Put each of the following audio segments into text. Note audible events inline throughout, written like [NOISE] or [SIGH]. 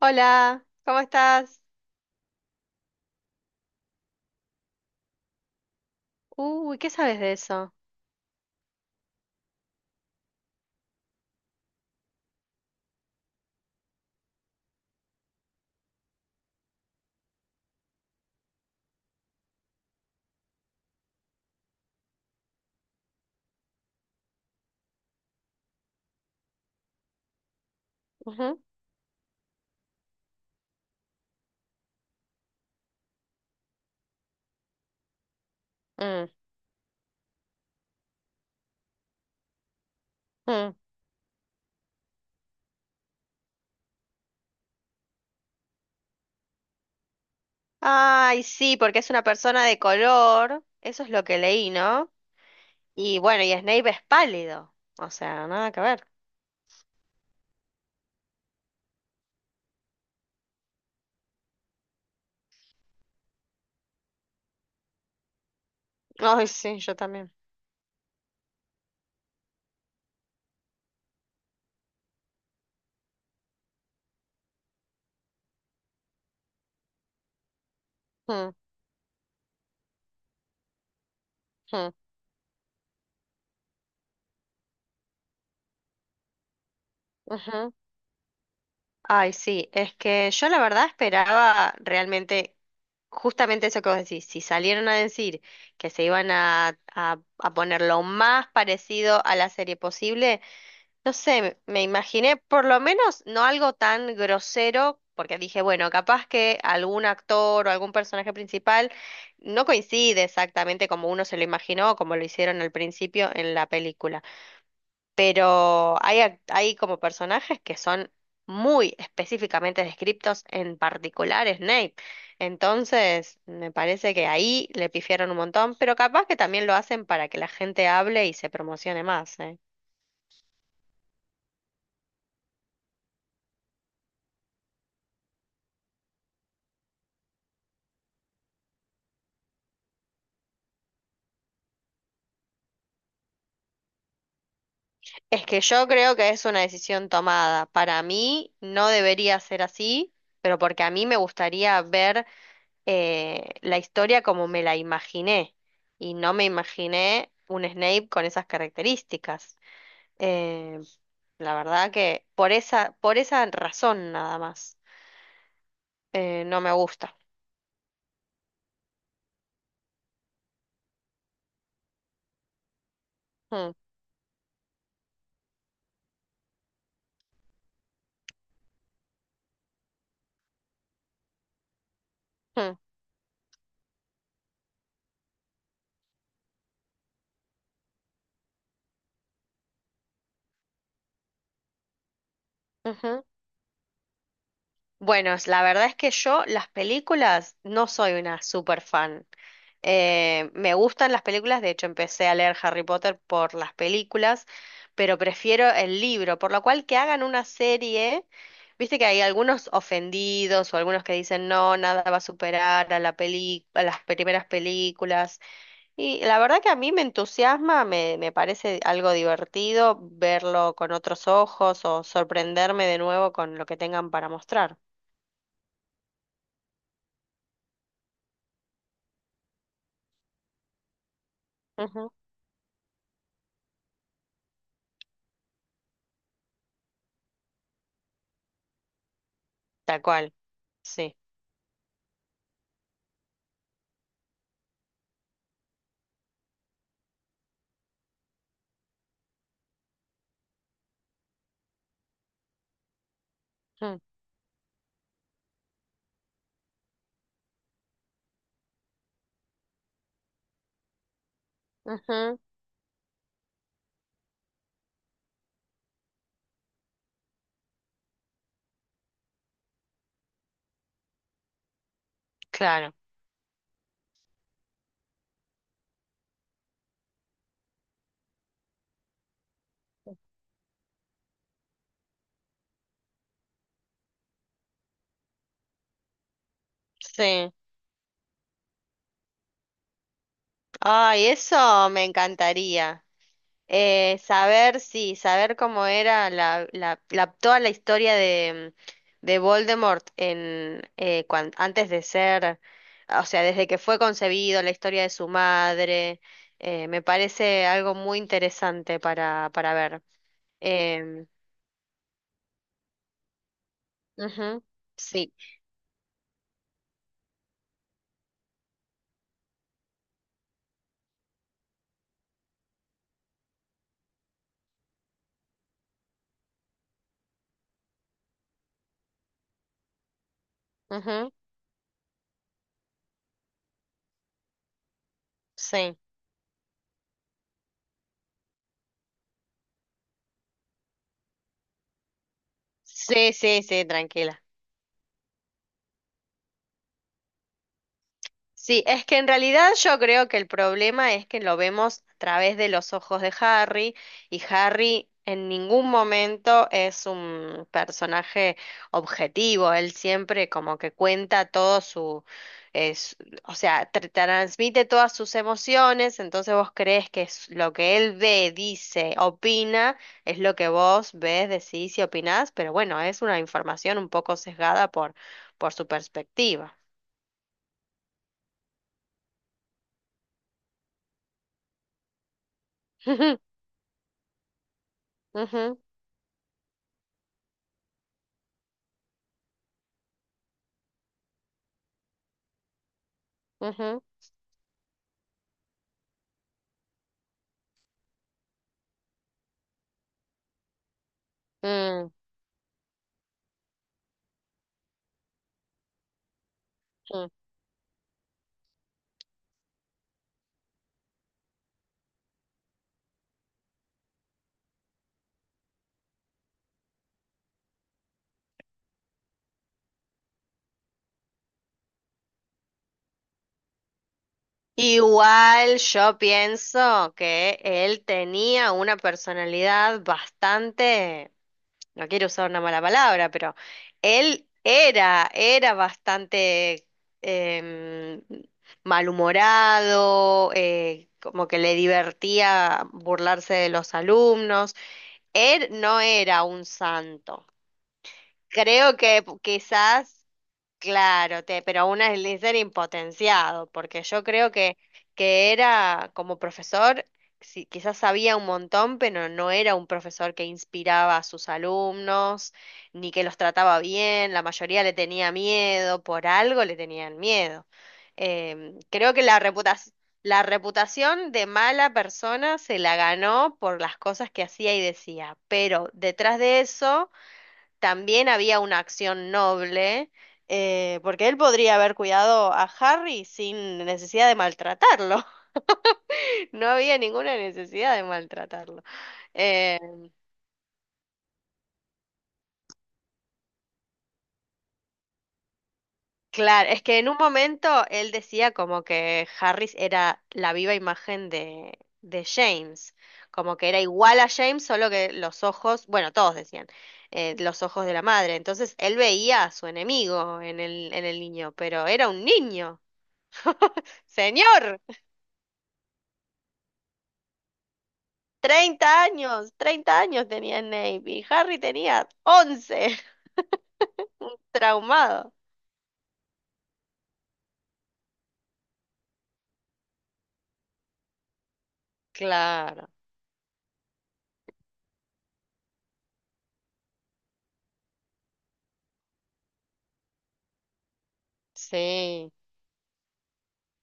Hola, ¿cómo estás? Uy, ¿qué sabes de eso? Ujú, mm, mm. Ay, sí, porque es una persona de color, eso es lo que leí, ¿no? Y bueno, y Snape es pálido, o sea, nada que ver. Ay, sí, yo también. Mm, mm, ujú. Ay, sí, es que yo la verdad esperaba realmente justamente eso que vos decís, si salieron a decir que se iban a poner lo más parecido a la serie posible. No sé, me imaginé por lo menos no algo tan grosero, porque dije, bueno, capaz que algún actor o algún personaje principal no coincide exactamente como uno se lo imaginó o como lo hicieron al principio en la película, pero hay como personajes que son muy específicamente descriptos, en particular Snape. Entonces, me parece que ahí le pifiaron un montón, pero capaz que también lo hacen para que la gente hable y se promocione más, ¿eh? Es que yo creo que es una decisión tomada. Para mí no debería ser así, pero porque a mí me gustaría ver la historia como me la imaginé. Y no me imaginé un Snape con esas características. Eh, la verdad que por esa razón nada más. No me gusta. Mm, mm, ujú. Bueno, la verdad es que yo las películas no soy una super fan. Me gustan las películas, de hecho empecé a leer Harry Potter por las películas, pero prefiero el libro, por lo cual que hagan una serie, viste que hay algunos ofendidos o algunos que dicen no, nada va a superar a la peli a las primeras películas, y la verdad que a mí me entusiasma, me parece algo divertido verlo con otros ojos o sorprenderme de nuevo con lo que tengan para mostrar. Ujú. Tal cual, sí. Mm, ujú. Claro, sí. Ay, eso me encantaría. Saber, sí, saber cómo era toda la historia de Voldemort en, antes de ser, o sea, desde que fue concebido, la historia de su madre, me parece algo muy interesante para ver. Em, Ujú, sí, ujú, sí, sí, sí, sí, tranquila. Sí, es que en realidad yo creo que el problema es que lo vemos a través de los ojos de Harry y Harry en ningún momento es un personaje objetivo, él siempre como que cuenta todo su, es- o sea, transmite todas sus emociones, entonces vos crees que es lo que él ve, dice, opina, es lo que vos ves, decís y opinás, pero bueno, es una información un poco sesgada por su perspectiva. [LAUGHS] Ujú. Ujú, mm, mm. Igual yo pienso que él tenía una personalidad bastante, no quiero usar una mala palabra, pero él era, era bastante em, malhumorado, como que le divertía burlarse de los alumnos. Él no era un santo. Creo que quizás claro, te, pero un Slytherin impotenciado, porque yo creo que era como profesor, sí, quizás sabía un montón, pero no era un profesor que inspiraba a sus alumnos, ni que los trataba bien, la mayoría le tenía miedo, por algo le tenían miedo. Em, creo que la reputación de mala persona se la ganó por las cosas que hacía y decía, pero detrás de eso también había una acción noble, porque él podría haber cuidado a Harry sin necesidad de maltratarlo. [LAUGHS] No había ninguna necesidad de maltratarlo. Eh, claro, es que en un momento él decía como que Harris era la viva imagen de James, como que era igual a James, solo que los ojos, bueno, todos decían, los ojos de la madre. Entonces él veía a su enemigo en el niño, pero era un niño. [LAUGHS] Señor. 30 años, 30 años tenía Navy. Harry tenía 11, [LAUGHS] traumado. Claro, sí,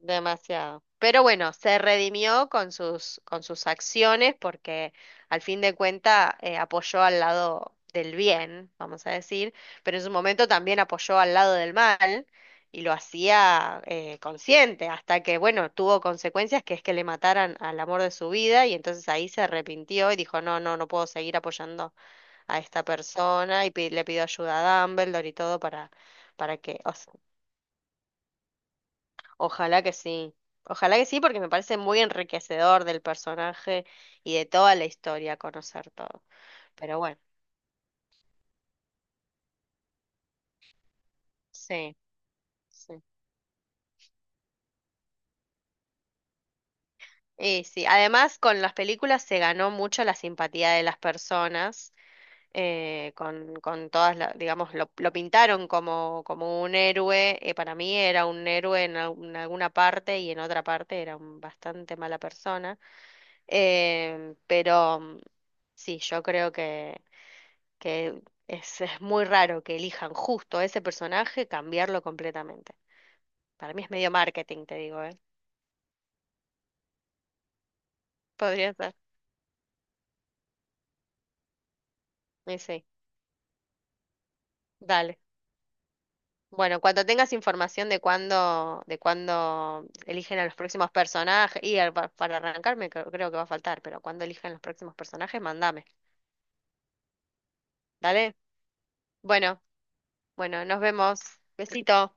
demasiado. Pero bueno, se redimió con sus acciones porque al fin de cuentas apoyó al lado del bien, vamos a decir, pero en su momento también apoyó al lado del mal y lo hacía consciente hasta que, bueno, tuvo consecuencias que es que le mataran al amor de su vida y entonces ahí se arrepintió y dijo, no, no, no puedo seguir apoyando a esta persona y le pidió ayuda a Dumbledore y todo para que, o sea, ojalá que sí, ojalá que sí, porque me parece muy enriquecedor del personaje y de toda la historia conocer todo. Pero bueno, sí, sí. Y sí, además con las películas se ganó mucho la simpatía de las personas. Con todas, digamos, lo pintaron como, como un héroe, para mí era un héroe en, en alguna parte y en otra parte era un bastante mala persona. Em, pero mm, sí, yo creo que es muy raro que elijan justo a ese personaje, cambiarlo completamente. Para mí es medio marketing, te digo, ¿eh? [LAUGHS] Podría ser. Y sí, dale. Bueno, cuando tengas información de cuándo eligen a los próximos personajes, y para arrancarme creo, creo que va a faltar, pero cuando eligen los próximos personajes, mandame. ¿Dale? Bueno, bueno, nos vemos. Besito.